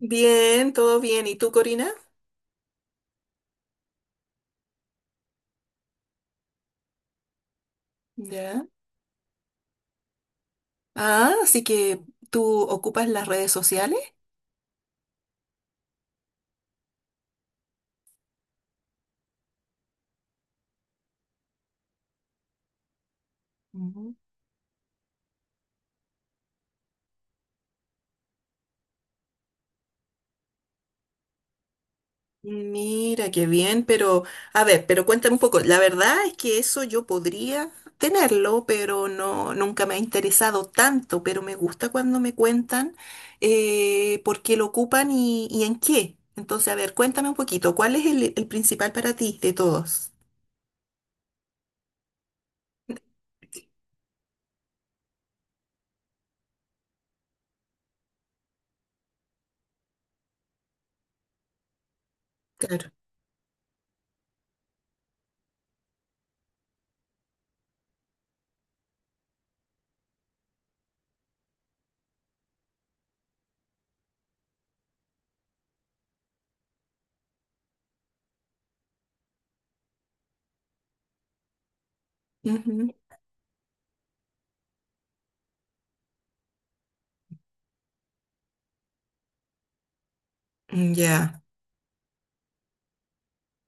Bien, todo bien. ¿Y tú, Corina? Ya. Ah, así que tú ocupas las redes sociales. Ujú. Mira, qué bien, pero a ver, pero cuéntame un poco. La verdad es que eso yo podría tenerlo, pero no, nunca me ha interesado tanto, pero me gusta cuando me cuentan por qué lo ocupan y en qué. Entonces, a ver, cuéntame un poquito, ¿cuál es el principal para ti de todos? Claro. Ujú. Ya.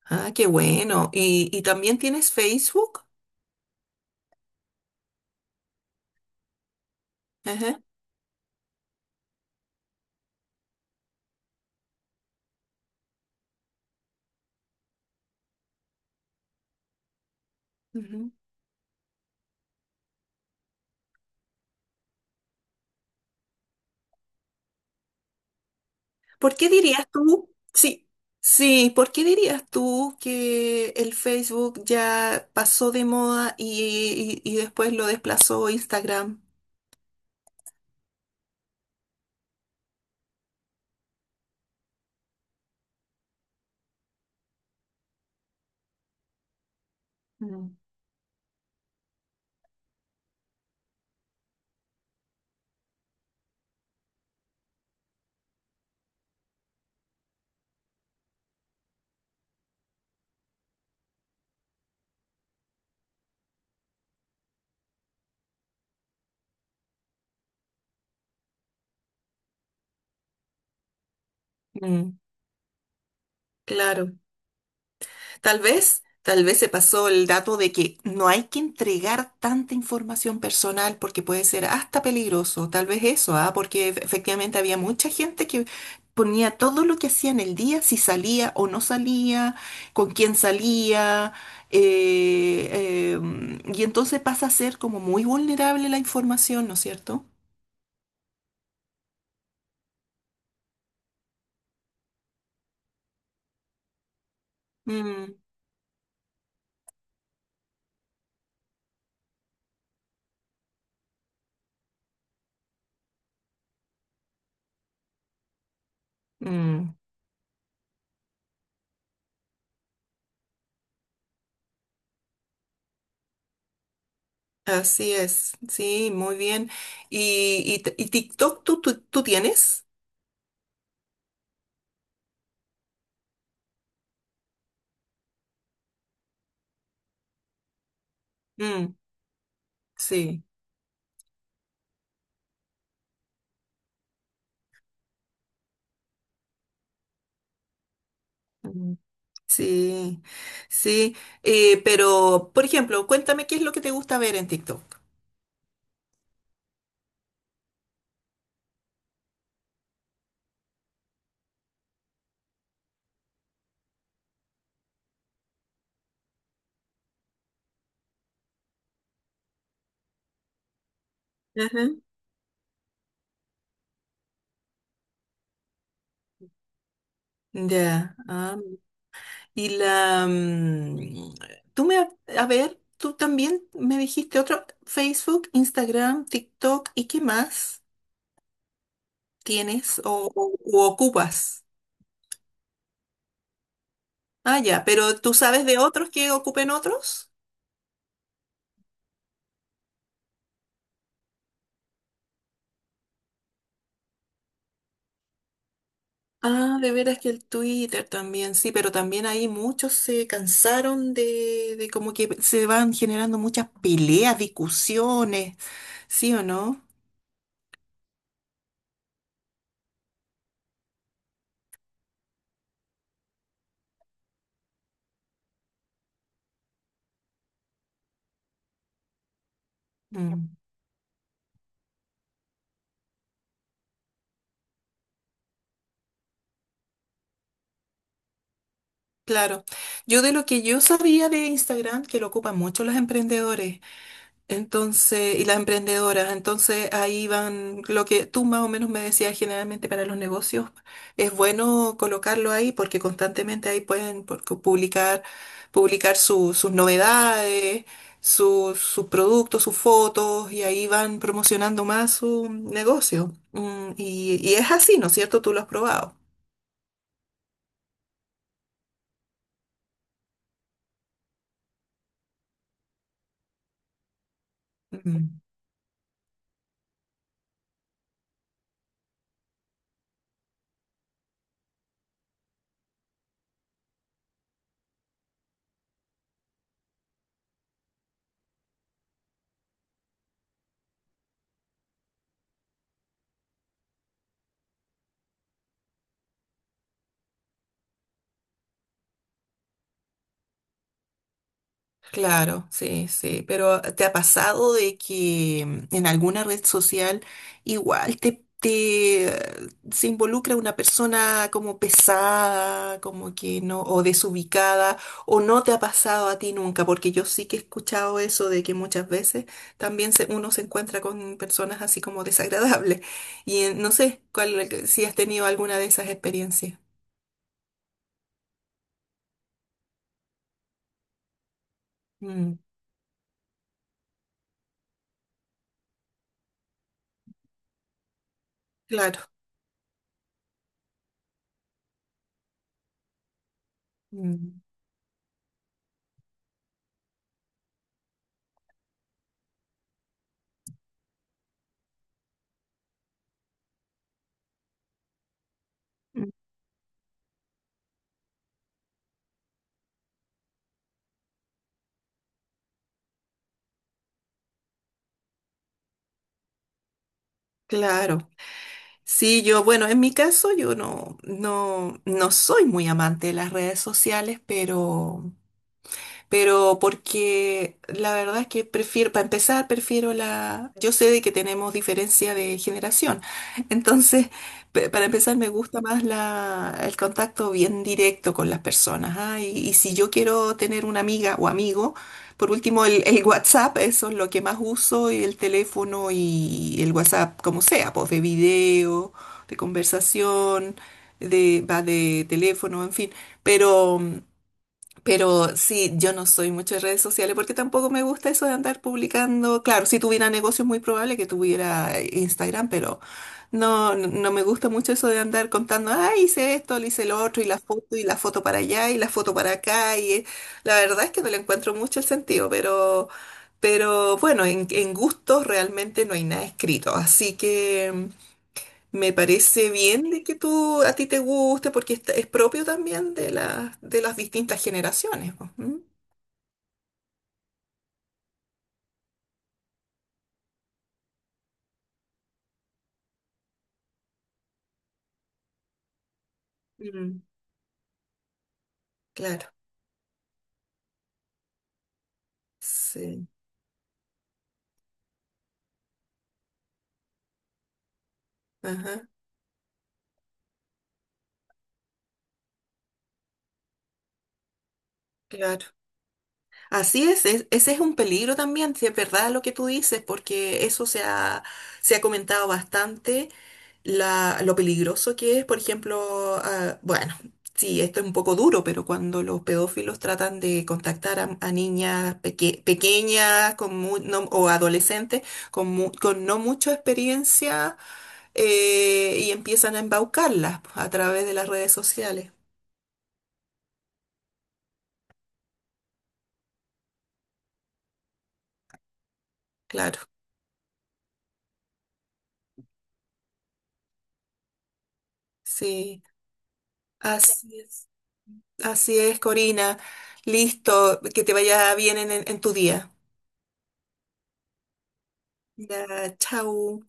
Ah, qué bueno. Y también tienes Facebook? Ajá. Ujú. ¿Por qué dirías tú? Sí, sí, ¿por qué dirías tú que el Facebook ya pasó de moda y después lo desplazó Instagram? Mm. Mm, claro. Tal vez se pasó el dato de que no hay que entregar tanta información personal porque puede ser hasta peligroso, tal vez eso, ¿ah? Porque efectivamente había mucha gente que ponía todo lo que hacía en el día, si salía o no salía, con quién salía, eh, eh, y entonces pasa a ser como muy vulnerable la información, ¿no es cierto? Mm, mm, así es, sí, muy bien. ¿Y, y TikTok tú tienes? Sí, mm, sí, sí. Pero, por ejemplo, cuéntame qué es lo que te gusta ver en TikTok. Ajá. Ya. Y la... mm, tú me... ha- A ver, tú también me dijiste otro, Facebook, Instagram, TikTok, ¿y qué más tienes u ocupas? Ah, ya, pero ¿tú sabes de otros que ocupen otros? Ah, de veras que el Twitter también, sí, pero también ahí muchos se cansaron de como que se van generando muchas peleas, discusiones, ¿sí o no? Mm, claro. Yo de lo que yo sabía de Instagram, que lo ocupan mucho los emprendedores, entonces, y las emprendedoras, entonces ahí van lo que tú más o menos me decías generalmente para los negocios, es bueno colocarlo ahí porque constantemente ahí pueden publicar, publicar sus novedades, sus productos, sus fotos y ahí van promocionando más su negocio. Mm, y es así, ¿no es cierto? Tú lo has probado. Claro, sí, sí, pero ¿te ha pasado de que mm, en alguna red social igual te se involucra una persona como pesada, como que no, o desubicada, o no te ha pasado a ti nunca? Porque yo sí que he escuchado eso de que muchas veces también uno se encuentra con personas así como desagradables. Y no sé cuál, si has tenido alguna de esas experiencias. Mm, claro, mm, mm, claro. Sí, yo, bueno, en mi caso yo no soy muy amante de las redes sociales, pero porque la verdad es que prefiero, para empezar, prefiero la... Yo sé de que tenemos diferencia de generación, entonces, para empezar, me gusta más el contacto bien directo con las personas, ¿ah? Y si yo quiero tener una amiga o amigo, por último, el WhatsApp, eso es lo que más uso, y el teléfono y el WhatsApp, como sea, pues de video, de conversación, de, va de teléfono, en fin, pero... mm, pero sí, yo no soy mucho de redes sociales porque tampoco me gusta eso de andar publicando. Claro, si tuviera negocios, muy probable que tuviera Instagram, pero no me gusta mucho eso de andar contando, ah, hice esto, le hice lo otro, y la foto para allá, y la foto para acá. Y la verdad es que no le encuentro mucho el sentido, pero bueno, en gustos realmente no hay nada escrito. Así que. Mm, me parece bien de que tú a ti te guste porque es propio también de las distintas generaciones. Po. ¿Mm? Mm. Claro, sí, ajá, claro. Así es, ese es un peligro también, si es verdad lo que tú dices, porque eso se ha comentado bastante lo peligroso que es, por ejemplo, ah, bueno, sí, esto es un poco duro, pero cuando los pedófilos tratan de contactar a niñas pequeñas con o adolescentes con, con no mucha experiencia y empiezan a embaucarlas a través de las redes sociales, claro, sí, así es, así es, Corina, listo, que te vaya bien en tu día. Ya, chau.